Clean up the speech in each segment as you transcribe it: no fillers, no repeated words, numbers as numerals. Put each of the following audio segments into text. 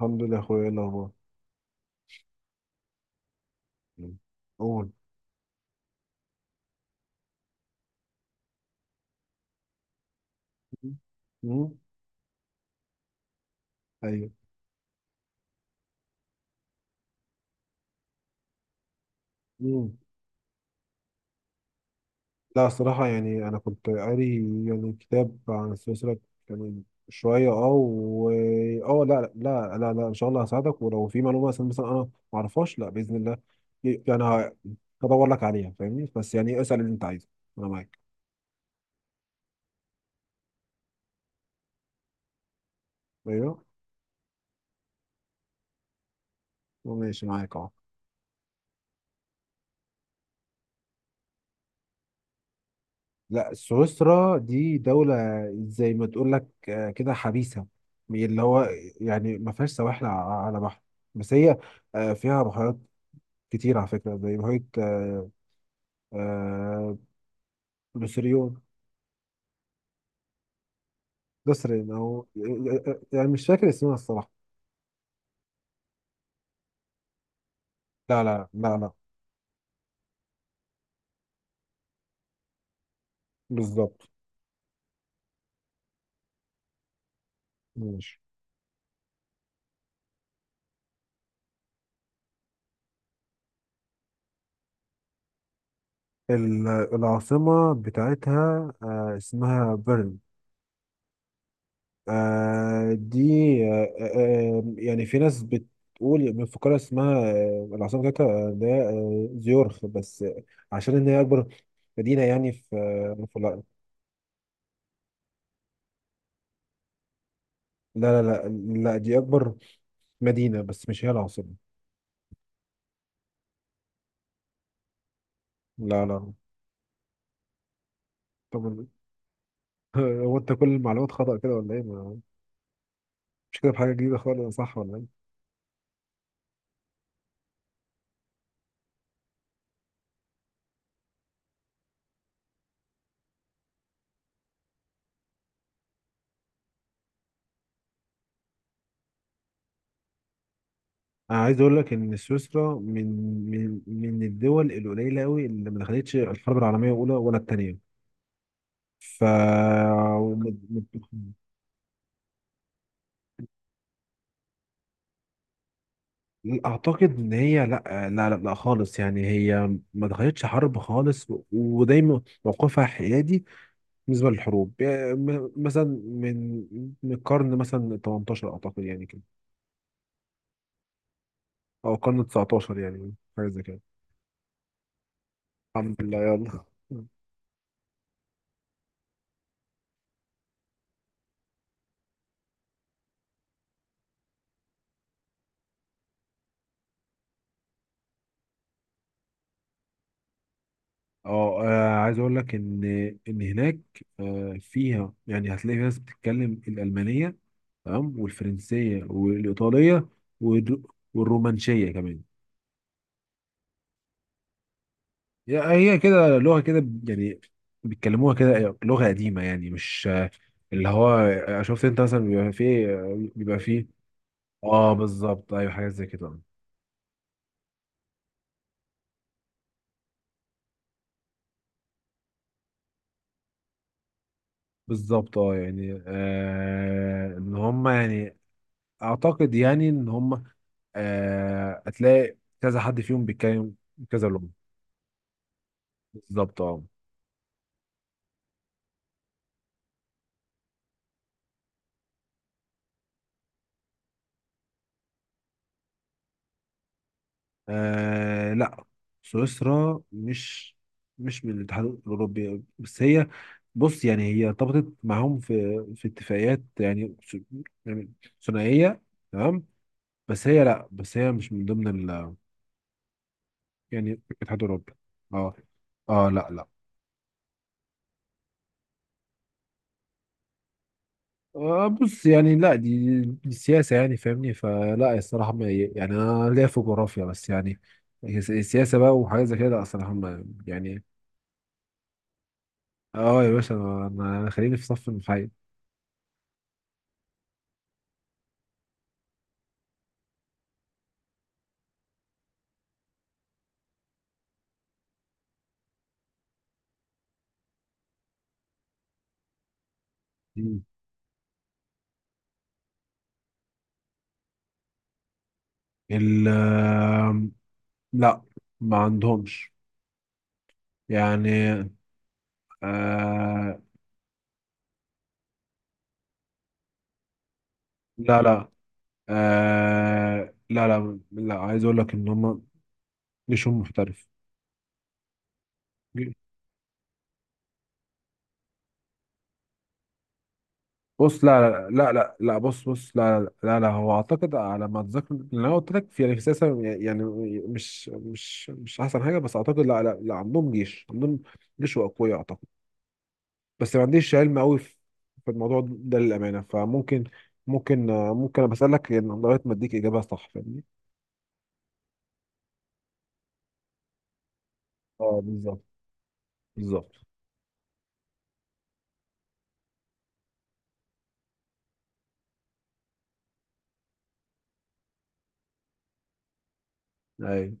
الحمد لله يا اخويا، ايه الاخبار؟ مم. قول. مم. مم. ايوه. مم. لا الصراحه يعني انا كنت قاري يعني كتاب عن السلسله، يعني شويه و اه لا لا لا لا، ان شاء الله هساعدك، ولو في معلومه مثلا انا ما اعرفهاش، لا باذن الله يعني هدور لك عليها، فاهمني؟ بس يعني اسال اللي انت عايزه، انا معاك. ايوه، ماشي معاك اهو. لا سويسرا دي دولة، زي ما تقول لك كده حبيسة، اللي هو يعني ما فيهاش سواحل على بحر، بس هي فيها بحيرات كتير على فكرة، زي بحيرة آه، لوسيريون، لوسيرين أو يعني مش فاكر اسمها الصراحة. لا لا لا لا، بالظبط. ماشي. العاصمة بتاعتها اسمها بيرن. آه دي يعني في ناس بتقول من فقرة اسمها آه العاصمة بتاعتها ده آه زيورخ، بس آه عشان إن هي أكبر مدينة يعني في في لا لا لا لا، دي أكبر مدينة بس مش هي العاصمة. لا لا. طب. هو أنت كل المعلومات خطأ كده ولا إيه؟ مش كده بحاجة جديدة خالص، صح ولا إيه؟ أنا عايز أقول لك إن سويسرا من من الدول القليلة أوي اللي ما دخلتش الحرب العالمية الأولى ولا التانية. ف اعتقد ان هي لا لا خالص، يعني هي ما دخلتش حرب خالص ودايما موقفها حيادي بالنسبه للحروب، يعني مثلا من من القرن مثلا 18 اعتقد، يعني كده او القرن 19، يعني حاجه زي كده. الحمد لله يلا. اه عايز اقول لك ان هناك فيها، يعني هتلاقي في ناس بتتكلم الالمانيه، تمام؟ والفرنسيه والايطاليه والر- والرومانشيه كمان. هي كده لغة كده يعني، بيتكلموها كده، لغة قديمة يعني، مش اللي هو آه، شفت انت مثلا بيبقى فيه. اه بالظبط، ايوه حاجات زي كده. بالظبط اه، يعني آه ان هم يعني اعتقد يعني ان هم آه هتلاقي كذا حد فيهم بيتكلم كذا لغة. بالظبط اه. آه لا، سويسرا مش من الاتحاد الأوروبي، بس هي بص يعني هي ارتبطت معاهم في اتفاقيات يعني يعني ثنائية، تمام؟ بس هي لا، بس هي مش من ضمن ال يعني الاتحاد الأوروبي. اه. اه لا لا. آه بص يعني لا دي السياسة يعني، فاهمني؟ فلا الصراحة ما يعني، أنا ليا في جغرافيا بس يعني، السياسة بقى وحاجات زي كده لا الصراحة يعني. اه يا باشا، انا أنا خليني في صف المحايد. مم. ال لا، ما عندهمش يعني. آه. لا لا. آه لا لا لا، عايز اقول لك ان هم جيشهم محترف. بص لا لا لا لا لا، بص بص لا، هو اعتقد على ما اتذكر اللي انا قلت لك، في يعني في سياسه يعني، مش احسن حاجه، بس اعتقد لا لا لا، عندهم جيش، عندهم جيش واقوياء، بس ما عنديش علم قوي في الموضوع ده للأمانة، فممكن آه، ممكن أنا بسألك يعني لغاية ما أديك إجابة صح، فاهمني؟ اه بالظبط، بالظبط. أي.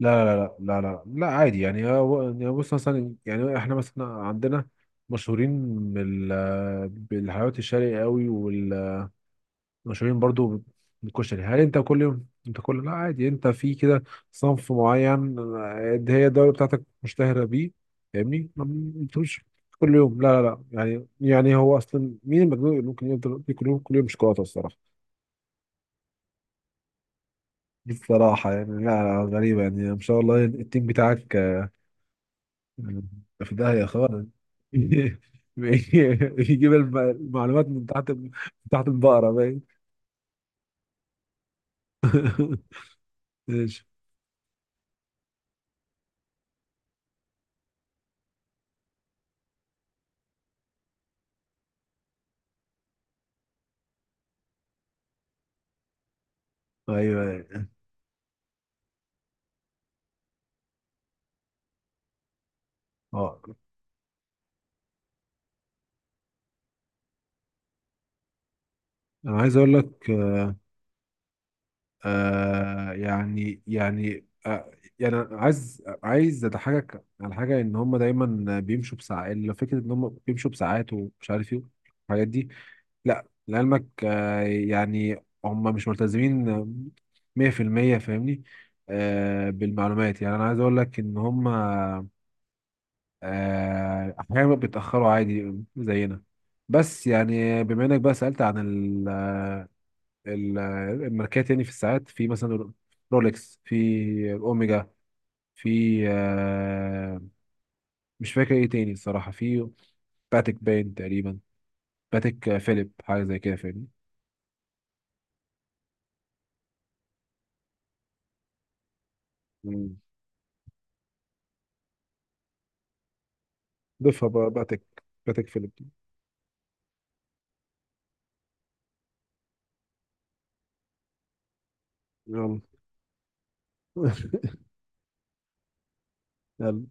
لا لا لا لا لا لا، عادي يعني، يعني بص، مثلا يعني إحنا مثلا عندنا مشهورين بال بالحلويات الشرقي قوي، مشهورين برضو بالكشري، هل انت كل يوم انت كل لا عادي، انت في كده صنف معين ده هي الدولة بتاعتك مشتهرة بيه، فاهمني؟ ما بتقولش كل يوم، لا لا لا يعني، يعني هو اصلا مين المجنون اللي ممكن يفضل ياكل كل يوم كل يوم شوكولاتة الصراحة؟ الصراحة يعني لا لا، غريبة يعني، ما شاء الله التيم بتاعك في داهية خالص. يجيب المعلومات من تحت، من تحت البقرة باين. ماشي. ايوه اه انا عايز اقول لك يعني يعني أنا عايز اضحكك على حاجه، ان هم دايما بيمشوا بساعات لو فكره ان هم بيمشوا بساعات ومش عارف ايه الحاجات دي، لا لعلمك آه يعني هم مش ملتزمين 100%، فاهمني؟ آه بالمعلومات يعني، انا عايز اقول لك ان هم آه احيانا بيتاخروا عادي زينا. بس يعني بما انك بقى سالت عن ال- الماركات يعني في الساعات، في مثلا رولكس، في اوميجا، في مش فاكر ايه تاني الصراحة، في باتيك باين تقريبا، باتيك فيليب، حاجة زي كده فاهمني. مم. ضيفها بقى باتيك. باتيك فيليب دي. يلا. يلا.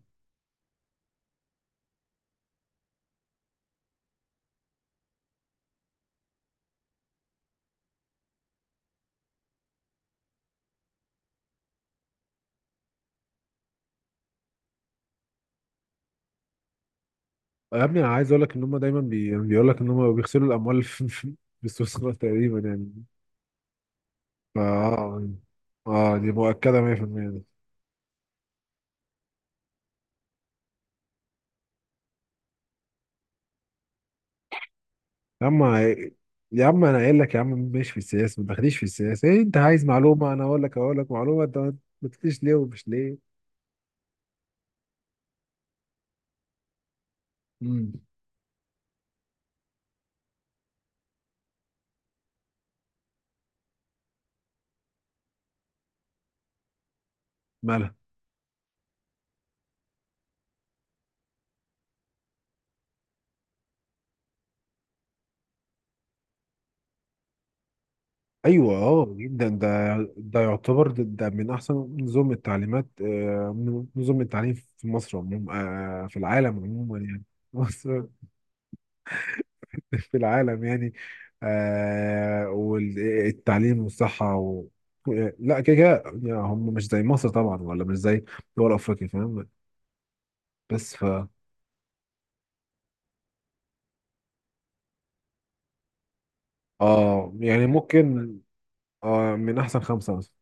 يا ابني انا عايز اقول لك ان هم دايما بيقول لك ان هم بيغسلوا الاموال في في السويس غلط تقريبا يعني. فا اه، دي مؤكدة 100%. يا عم، يا عم انا قايل لك يا عم مش في السياسه، ما تاخديش في السياسه، إيه انت عايز معلومه انا اقول لك، اقول لك معلومه، انت ما ما تقوليش ليه ومش ليه. امم. مالها؟ ايوه اه جدا، ده ده من احسن نظم التعليمات نظم التعليم في مصر عموما، في العالم عموما يعني. مصر في العالم يعني، والتعليم والصحه و... لا كده كده يعني هم مش زي مصر طبعا، ولا مش زي دول افريقيا، فاهم؟ بس اه يعني ممكن آه من احسن خمسة مثلا.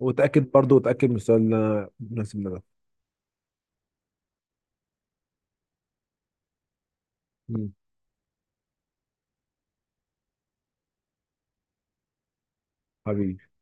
وتأكد برضو، وتأكد من السؤال اللي مناسب لنا ده. حبيبي.